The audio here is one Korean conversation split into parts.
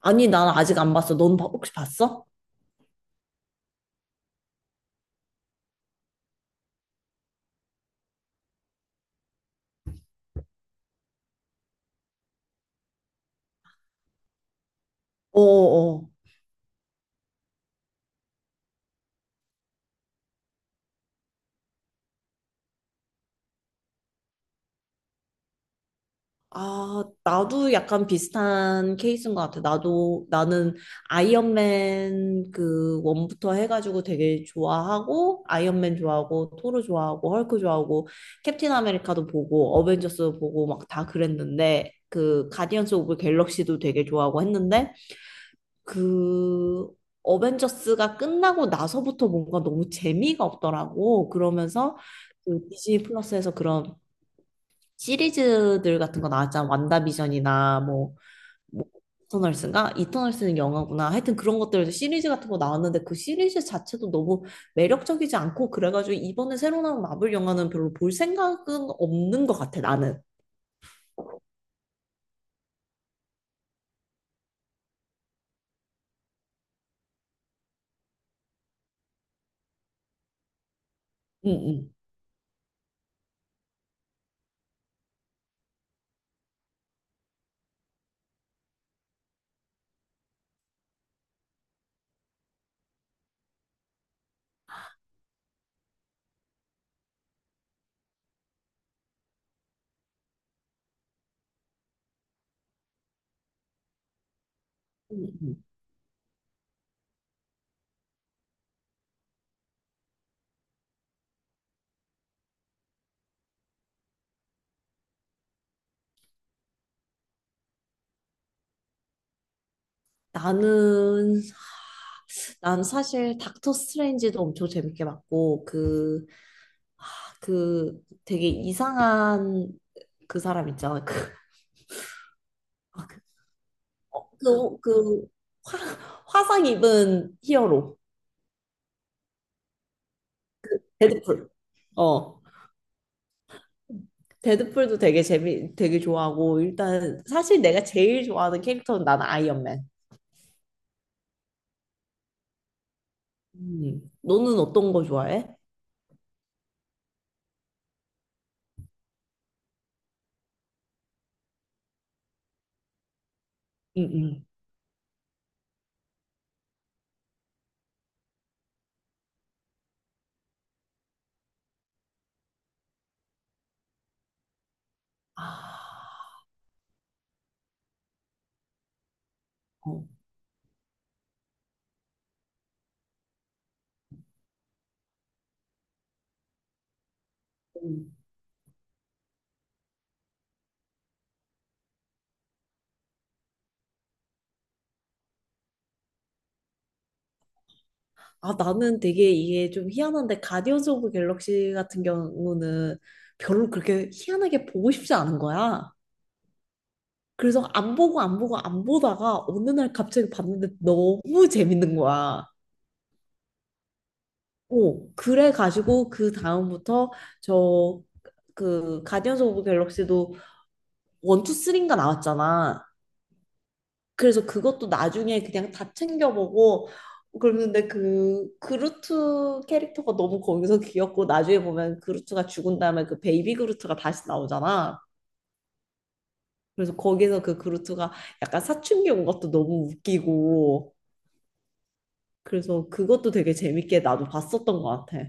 아니, 난 아직 안 봤어. 넌 혹시 봤어? 어어. 아, 나도 약간 비슷한 케이스인 것 같아. 나는 아이언맨 그 원부터 해가지고 되게 좋아하고, 아이언맨 좋아하고, 토르 좋아하고, 헐크 좋아하고, 캡틴 아메리카도 보고, 어벤져스 보고 막 다 그랬는데, 그 가디언스 오브 갤럭시도 되게 좋아하고 했는데, 그 어벤져스가 끝나고 나서부터 뭔가 너무 재미가 없더라고. 그러면서 그 디즈니 플러스에서 그런 시리즈들 같은 거 나왔잖아. 완다비전이나 뭐, 뭐 이터널스인가? 이터널스는 영화구나. 하여튼 그런 것들 시리즈 같은 거 나왔는데 그 시리즈 자체도 너무 매력적이지 않고 그래가지고 이번에 새로 나온 마블 영화는 별로 볼 생각은 없는 것 같아, 나는. 응, 응. 응, 나는 난 사실 닥터 스트레인지도 엄청 재밌게 봤고 아, 그 되게 이상한 그 사람 있잖아. 아, 그, 그, 그 화, 화상 입은 히어로 데드풀. 어. 데드풀도 되게 재미 되게 좋아하고 일단 사실 내가 제일 좋아하는 캐릭터는 난 아이언맨. 음. 너는 어떤 거 좋아해? 응응. 아. 어. 아, 나는 되게 이게 좀 희한한데, 가디언즈 오브 갤럭시 같은 경우는 별로 그렇게 희한하게 보고 싶지 않은 거야. 그래서 안 보고 안 보고 안 보다가 어느 날 갑자기 봤는데 너무 재밌는 거야. 오, 그래가지고 그 다음부터 저 그 가디언즈 오브 갤럭시도 원투 쓰리인가 나왔잖아. 그래서 그것도 나중에 그냥 다 챙겨보고 그러는데 그 그루트 캐릭터가 너무 거기서 귀엽고 나중에 보면 그루트가 죽은 다음에 그 베이비 그루트가 다시 나오잖아. 그래서 거기서 그 그루트가 약간 사춘기 온 것도 너무 웃기고 그래서 그것도 되게 재밌게 나도 봤었던 것 같아.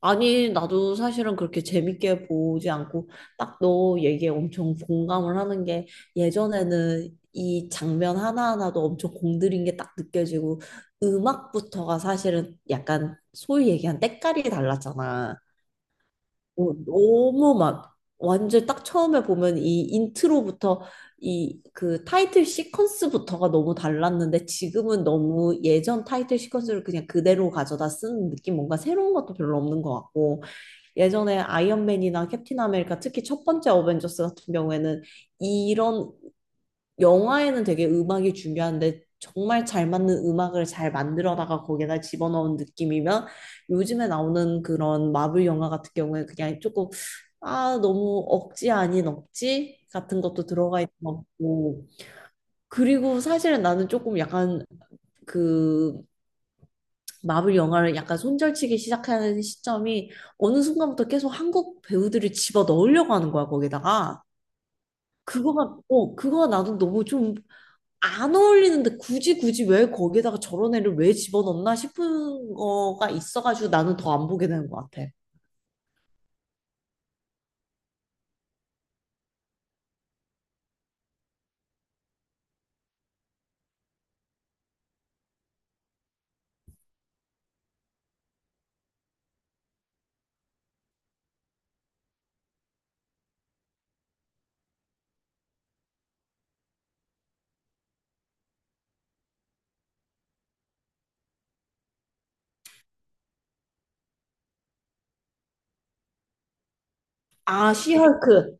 아니, 나도 사실은 그렇게 재밌게 보지 않고 딱 너 얘기에 엄청 공감을 하는 게 예전에는 이 장면 하나하나도 엄청 공들인 게 딱 느껴지고 음악부터가 사실은 약간 소위 얘기한 때깔이 달랐잖아. 어, 너무 막 완전 딱 처음에 보면 이 인트로부터 이 그 타이틀 시퀀스부터가 너무 달랐는데 지금은 너무 예전 타이틀 시퀀스를 그냥 그대로 가져다 쓴 느낌 뭔가 새로운 것도 별로 없는 것 같고 예전에 아이언맨이나 캡틴 아메리카 특히 첫 번째 어벤져스 같은 경우에는 이런 영화에는 되게 음악이 중요한데 정말 잘 맞는 음악을 잘 만들어다가 거기에다 집어넣은 느낌이면 요즘에 나오는 그런 마블 영화 같은 경우에 그냥 조금 아, 너무 억지 아닌 억지 같은 것도 들어가 있는 것 같고 그리고 사실 나는 조금 약간 그 마블 영화를 약간 손절치기 시작하는 시점이 어느 순간부터 계속 한국 배우들을 집어 넣으려고 하는 거야, 거기다가. 그거가 나도 너무 좀 안 어울리는데 굳이 굳이 왜 거기다가 저런 애를 왜 집어넣나 싶은 거가 있어가지고 나는 더 안 보게 되는 것 같아. 아, 시헐크.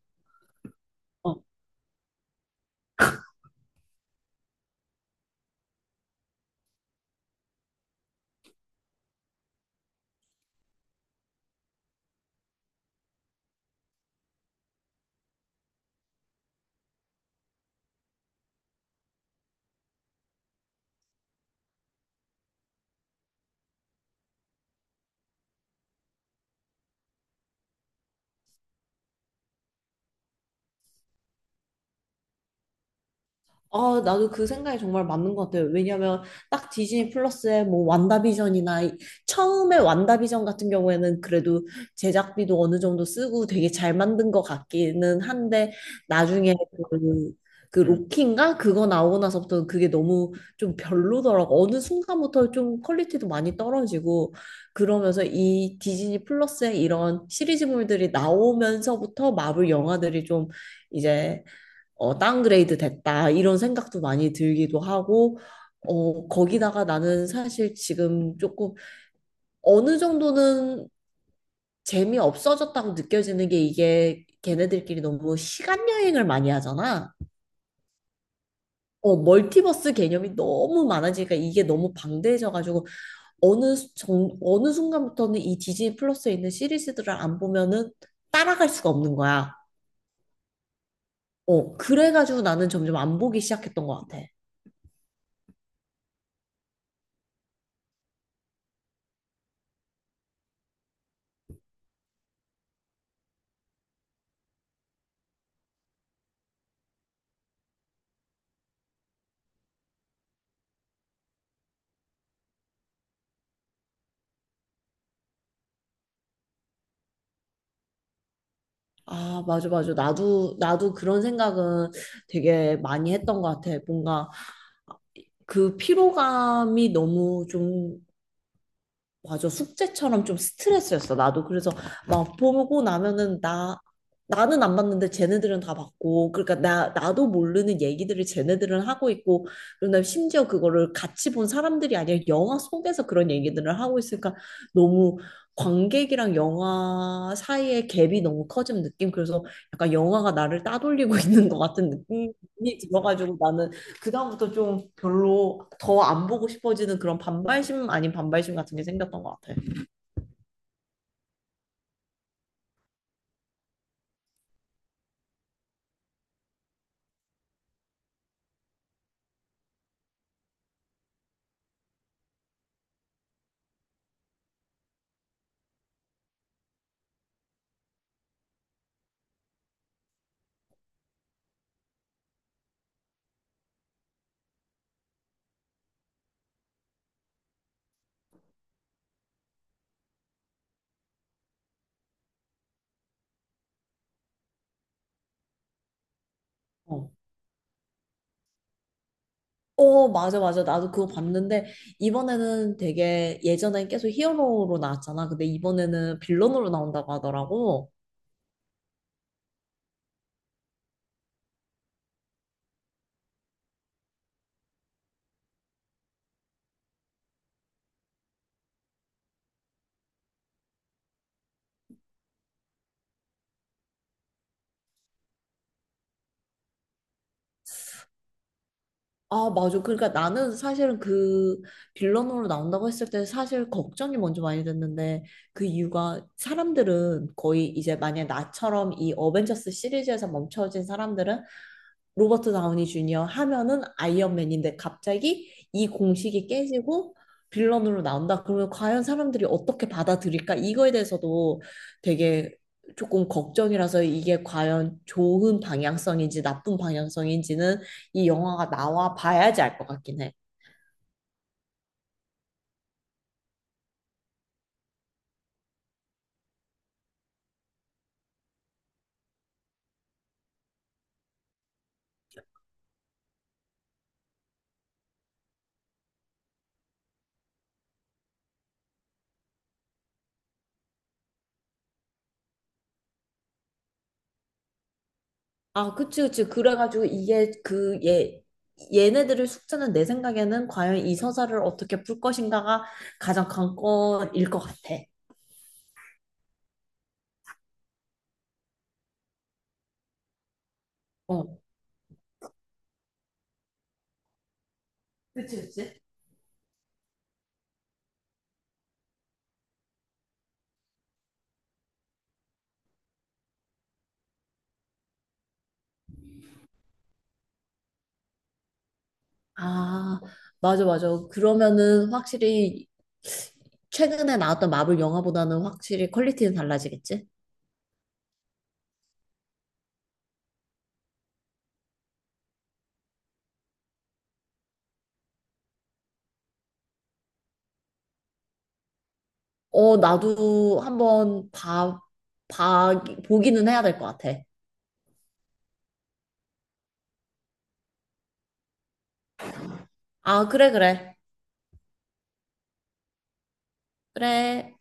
아, 나도 그 생각이 정말 맞는 것 같아요. 왜냐면 딱 디즈니 플러스에 뭐 완다비전이나 처음에 완다비전 같은 경우에는 그래도 제작비도 어느 정도 쓰고 되게 잘 만든 것 같기는 한데 나중에 그, 로키인가? 그거 나오고 나서부터 그게 너무 좀 별로더라고. 어느 순간부터 좀 퀄리티도 많이 떨어지고 그러면서 이 디즈니 플러스에 이런 시리즈물들이 나오면서부터 마블 영화들이 좀 이제 어, 다운그레이드 됐다, 이런 생각도 많이 들기도 하고, 어, 거기다가 나는 사실 지금 조금 어느 정도는 재미없어졌다고 느껴지는 게 이게 걔네들끼리 너무 시간 여행을 많이 하잖아. 어, 멀티버스 개념이 너무 많아지니까 이게 너무 방대해져가지고 어느 순간부터는 이 디즈니 플러스에 있는 시리즈들을 안 보면은 따라갈 수가 없는 거야. 어, 그래가지고 나는 점점 안 보기 시작했던 것 같아. 아, 맞아, 맞아. 나도 그런 생각은 되게 많이 했던 것 같아. 뭔가 그 피로감이 너무 좀 맞아. 숙제처럼 좀 스트레스였어. 나도 그래서 막 보고 나면은 나 나는 안 봤는데 쟤네들은 다 봤고 그러니까 나 나도 모르는 얘기들을 쟤네들은 하고 있고 그다음에 심지어 그거를 같이 본 사람들이 아니라 영화 속에서 그런 얘기들을 하고 있으니까 너무 관객이랑 영화 사이의 갭이 너무 커진 느낌. 그래서 약간 영화가 나를 따돌리고 있는 것 같은 느낌이 들어가지고 그다음부터 좀 별로 더 안 보고 싶어지는 그런 반발심 아닌 반발심 같은 게 생겼던 것 같아. 어. 어, 맞아, 맞아. 나도 그거 봤는데, 이번에는 되게 예전엔 계속 히어로로 나왔잖아. 근데 이번에는 빌런으로 나온다고 하더라고. 아, 맞아. 그러니까 나는 사실은 그 빌런으로 나온다고 했을 때 사실 걱정이 먼저 많이 됐는데 그 이유가 사람들은 거의 이제 만약 나처럼 이 어벤져스 시리즈에서 멈춰진 사람들은 로버트 다우니 주니어 하면은 아이언맨인데 갑자기 이 공식이 깨지고 빌런으로 나온다. 그러면 과연 사람들이 어떻게 받아들일까? 이거에 대해서도 되게 조금 걱정이라서 이게 과연 좋은 방향성인지 나쁜 방향성인지는 이 영화가 나와 봐야지 알 것 같긴 해. 아, 그치, 그치. 그래가지고 이게 그 얘네들의 숙제는 내 생각에는 과연 이 서사를 어떻게 풀 것인가가 가장 관건일 것 같아. 어. 그치, 그치? 아, 맞아, 맞아. 그러면은 확실히 최근에 나왔던 마블 영화보다는 확실히 퀄리티는 달라지겠지? 어, 나도 한번 봐, 보기는 해야 될 것 같아. 아, 그래, 그래. 그래.